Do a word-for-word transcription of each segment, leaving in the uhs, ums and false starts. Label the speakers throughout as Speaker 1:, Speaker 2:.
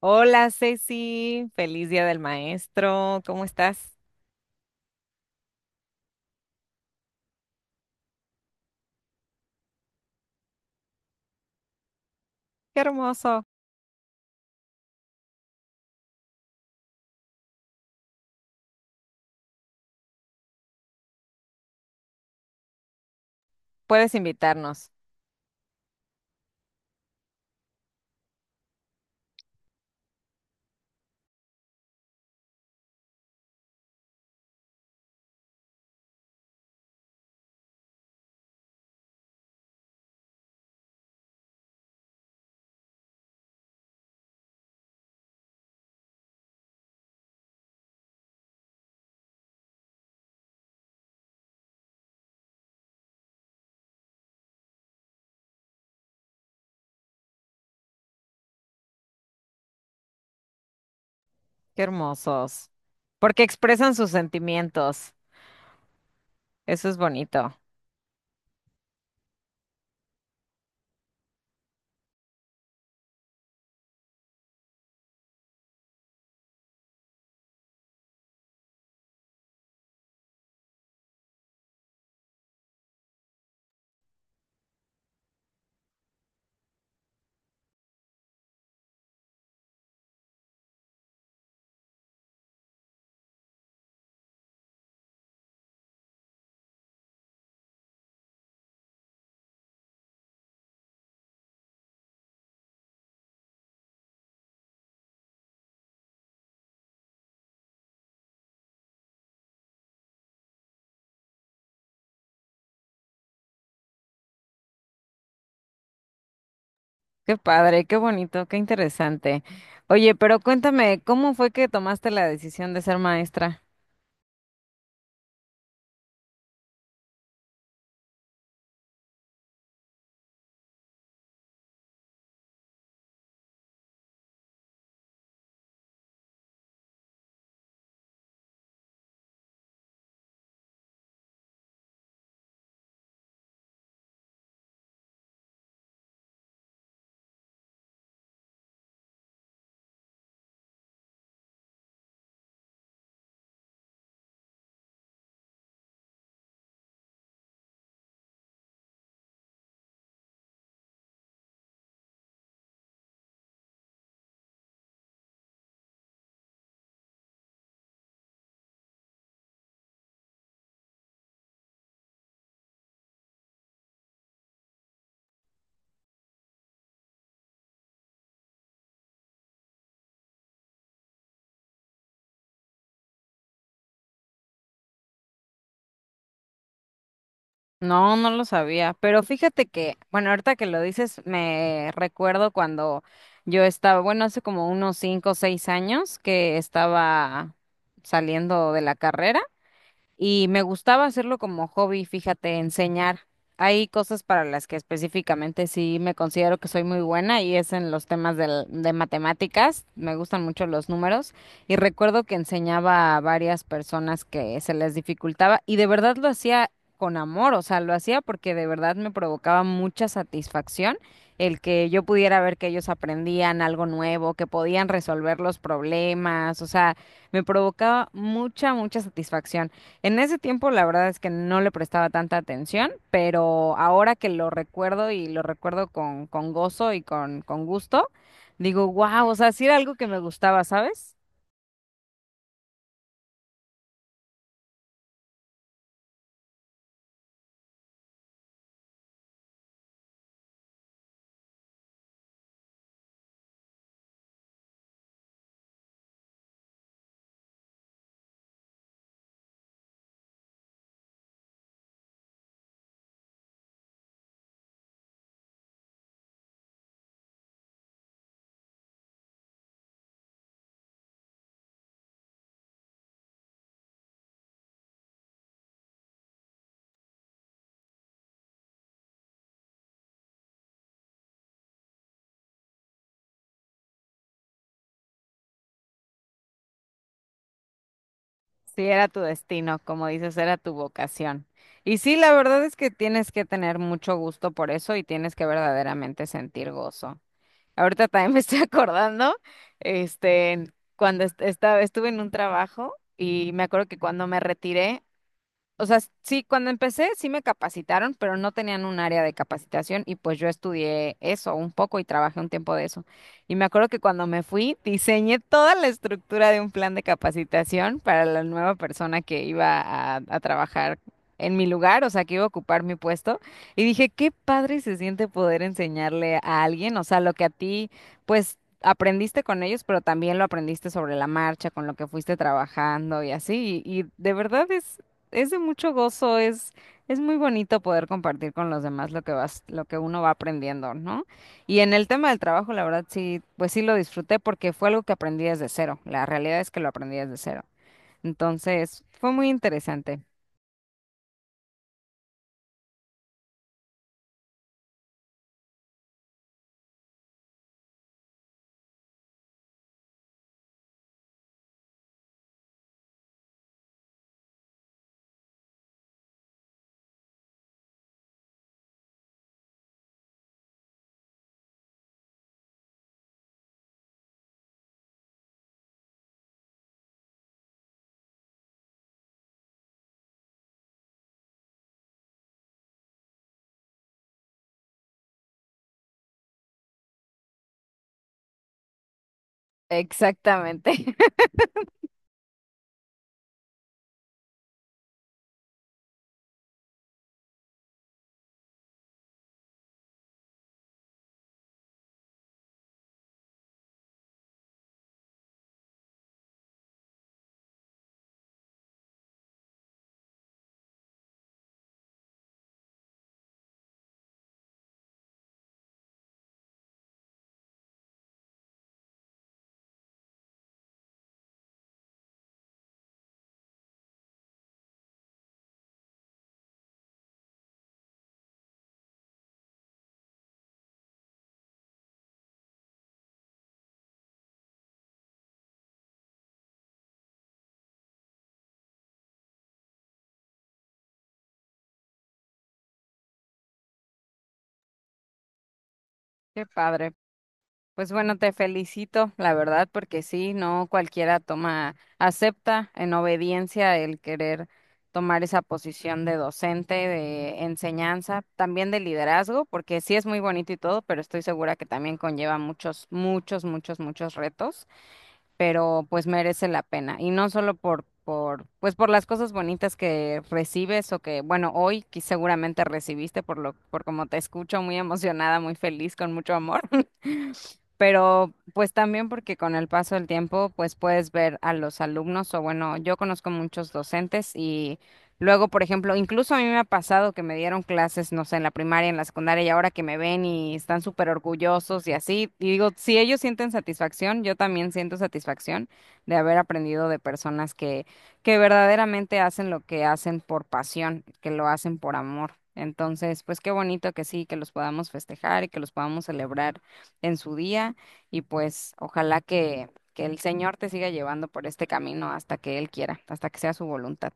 Speaker 1: Hola Ceci, feliz Día del Maestro, ¿cómo estás? Qué hermoso. Puedes invitarnos, qué hermosos. Porque expresan sus sentimientos, eso es bonito. Qué padre, qué bonito, qué interesante. Oye, pero cuéntame, ¿cómo fue que tomaste la decisión de ser maestra? No, no lo sabía, pero fíjate que, bueno, ahorita que lo dices, me recuerdo cuando yo estaba, bueno, hace como unos cinco o seis años que estaba saliendo de la carrera y me gustaba hacerlo como hobby, fíjate, enseñar. Hay cosas para las que específicamente sí me considero que soy muy buena y es en los temas del- de matemáticas. Me gustan mucho los números y recuerdo que enseñaba a varias personas que se les dificultaba y de verdad lo hacía con amor, o sea, lo hacía porque de verdad me provocaba mucha satisfacción el que yo pudiera ver que ellos aprendían algo nuevo, que podían resolver los problemas, o sea, me provocaba mucha, mucha satisfacción. En ese tiempo, la verdad es que no le prestaba tanta atención, pero ahora que lo recuerdo y lo recuerdo con, con gozo y con, con gusto, digo, wow, o sea, sí era algo que me gustaba, ¿sabes? Sí era tu destino, como dices, era tu vocación. Y sí, la verdad es que tienes que tener mucho gusto por eso y tienes que verdaderamente sentir gozo. Ahorita también me estoy acordando, este, cuando est- estaba, estuve en un trabajo y me acuerdo que cuando me retiré. O sea, sí, cuando empecé sí me capacitaron, pero no tenían un área de capacitación y pues yo estudié eso un poco y trabajé un tiempo de eso. Y me acuerdo que cuando me fui, diseñé toda la estructura de un plan de capacitación para la nueva persona que iba a, a trabajar en mi lugar, o sea, que iba a ocupar mi puesto. Y dije, qué padre se siente poder enseñarle a alguien, o sea, lo que a ti, pues, aprendiste con ellos, pero también lo aprendiste sobre la marcha, con lo que fuiste trabajando y así. y y de verdad es, es de mucho gozo, es, es muy bonito poder compartir con los demás lo que vas, lo que uno va aprendiendo, ¿no? Y en el tema del trabajo, la verdad sí, pues sí lo disfruté porque fue algo que aprendí desde cero. La realidad es que lo aprendí desde cero. Entonces, fue muy interesante. Exactamente. Qué padre. Pues bueno, te felicito, la verdad, porque sí, no cualquiera toma, acepta en obediencia el querer tomar esa posición de docente, de enseñanza, también de liderazgo, porque sí es muy bonito y todo, pero estoy segura que también conlleva muchos, muchos, muchos, muchos retos, pero pues merece la pena. Y no solo por, por, pues por las cosas bonitas que recibes o que, bueno, hoy que seguramente recibiste por lo, por como te escucho, muy emocionada, muy feliz, con mucho amor, pero pues también porque con el paso del tiempo pues puedes ver a los alumnos o bueno, yo conozco muchos docentes y luego, por ejemplo, incluso a mí me ha pasado que me dieron clases, no sé, en la primaria, en la secundaria y ahora que me ven y están súper orgullosos y así, y digo, si ellos sienten satisfacción, yo también siento satisfacción de haber aprendido de personas que, que verdaderamente hacen lo que hacen por pasión, que lo hacen por amor. Entonces, pues qué bonito que sí, que los podamos festejar y que los podamos celebrar en su día y pues ojalá que, que el Señor te siga llevando por este camino hasta que Él quiera, hasta que sea su voluntad.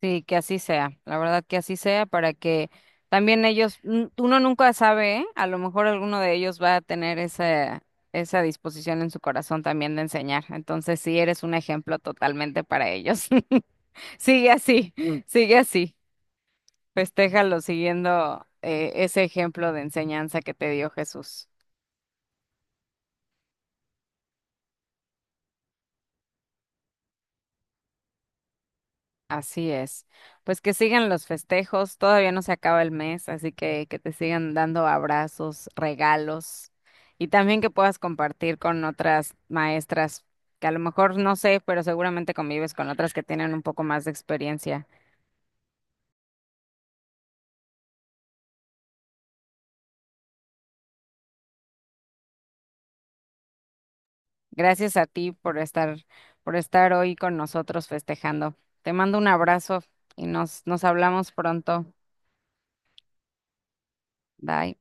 Speaker 1: Sí, que así sea, la verdad que así sea para que también ellos, n- uno nunca sabe, ¿eh? A lo mejor alguno de ellos va a tener esa, esa disposición en su corazón también de enseñar. Entonces sí, eres un ejemplo totalmente para ellos. Sigue así. Mm. Sigue así. Festéjalo siguiendo eh, ese ejemplo de enseñanza que te dio Jesús. Así es. Pues que sigan los festejos, todavía no se acaba el mes, así que que te sigan dando abrazos, regalos y también que puedas compartir con otras maestras que a lo mejor no sé, pero seguramente convives con otras que tienen un poco más de experiencia. Gracias a ti por estar, por estar hoy con nosotros festejando. Te mando un abrazo y nos nos hablamos pronto. Bye.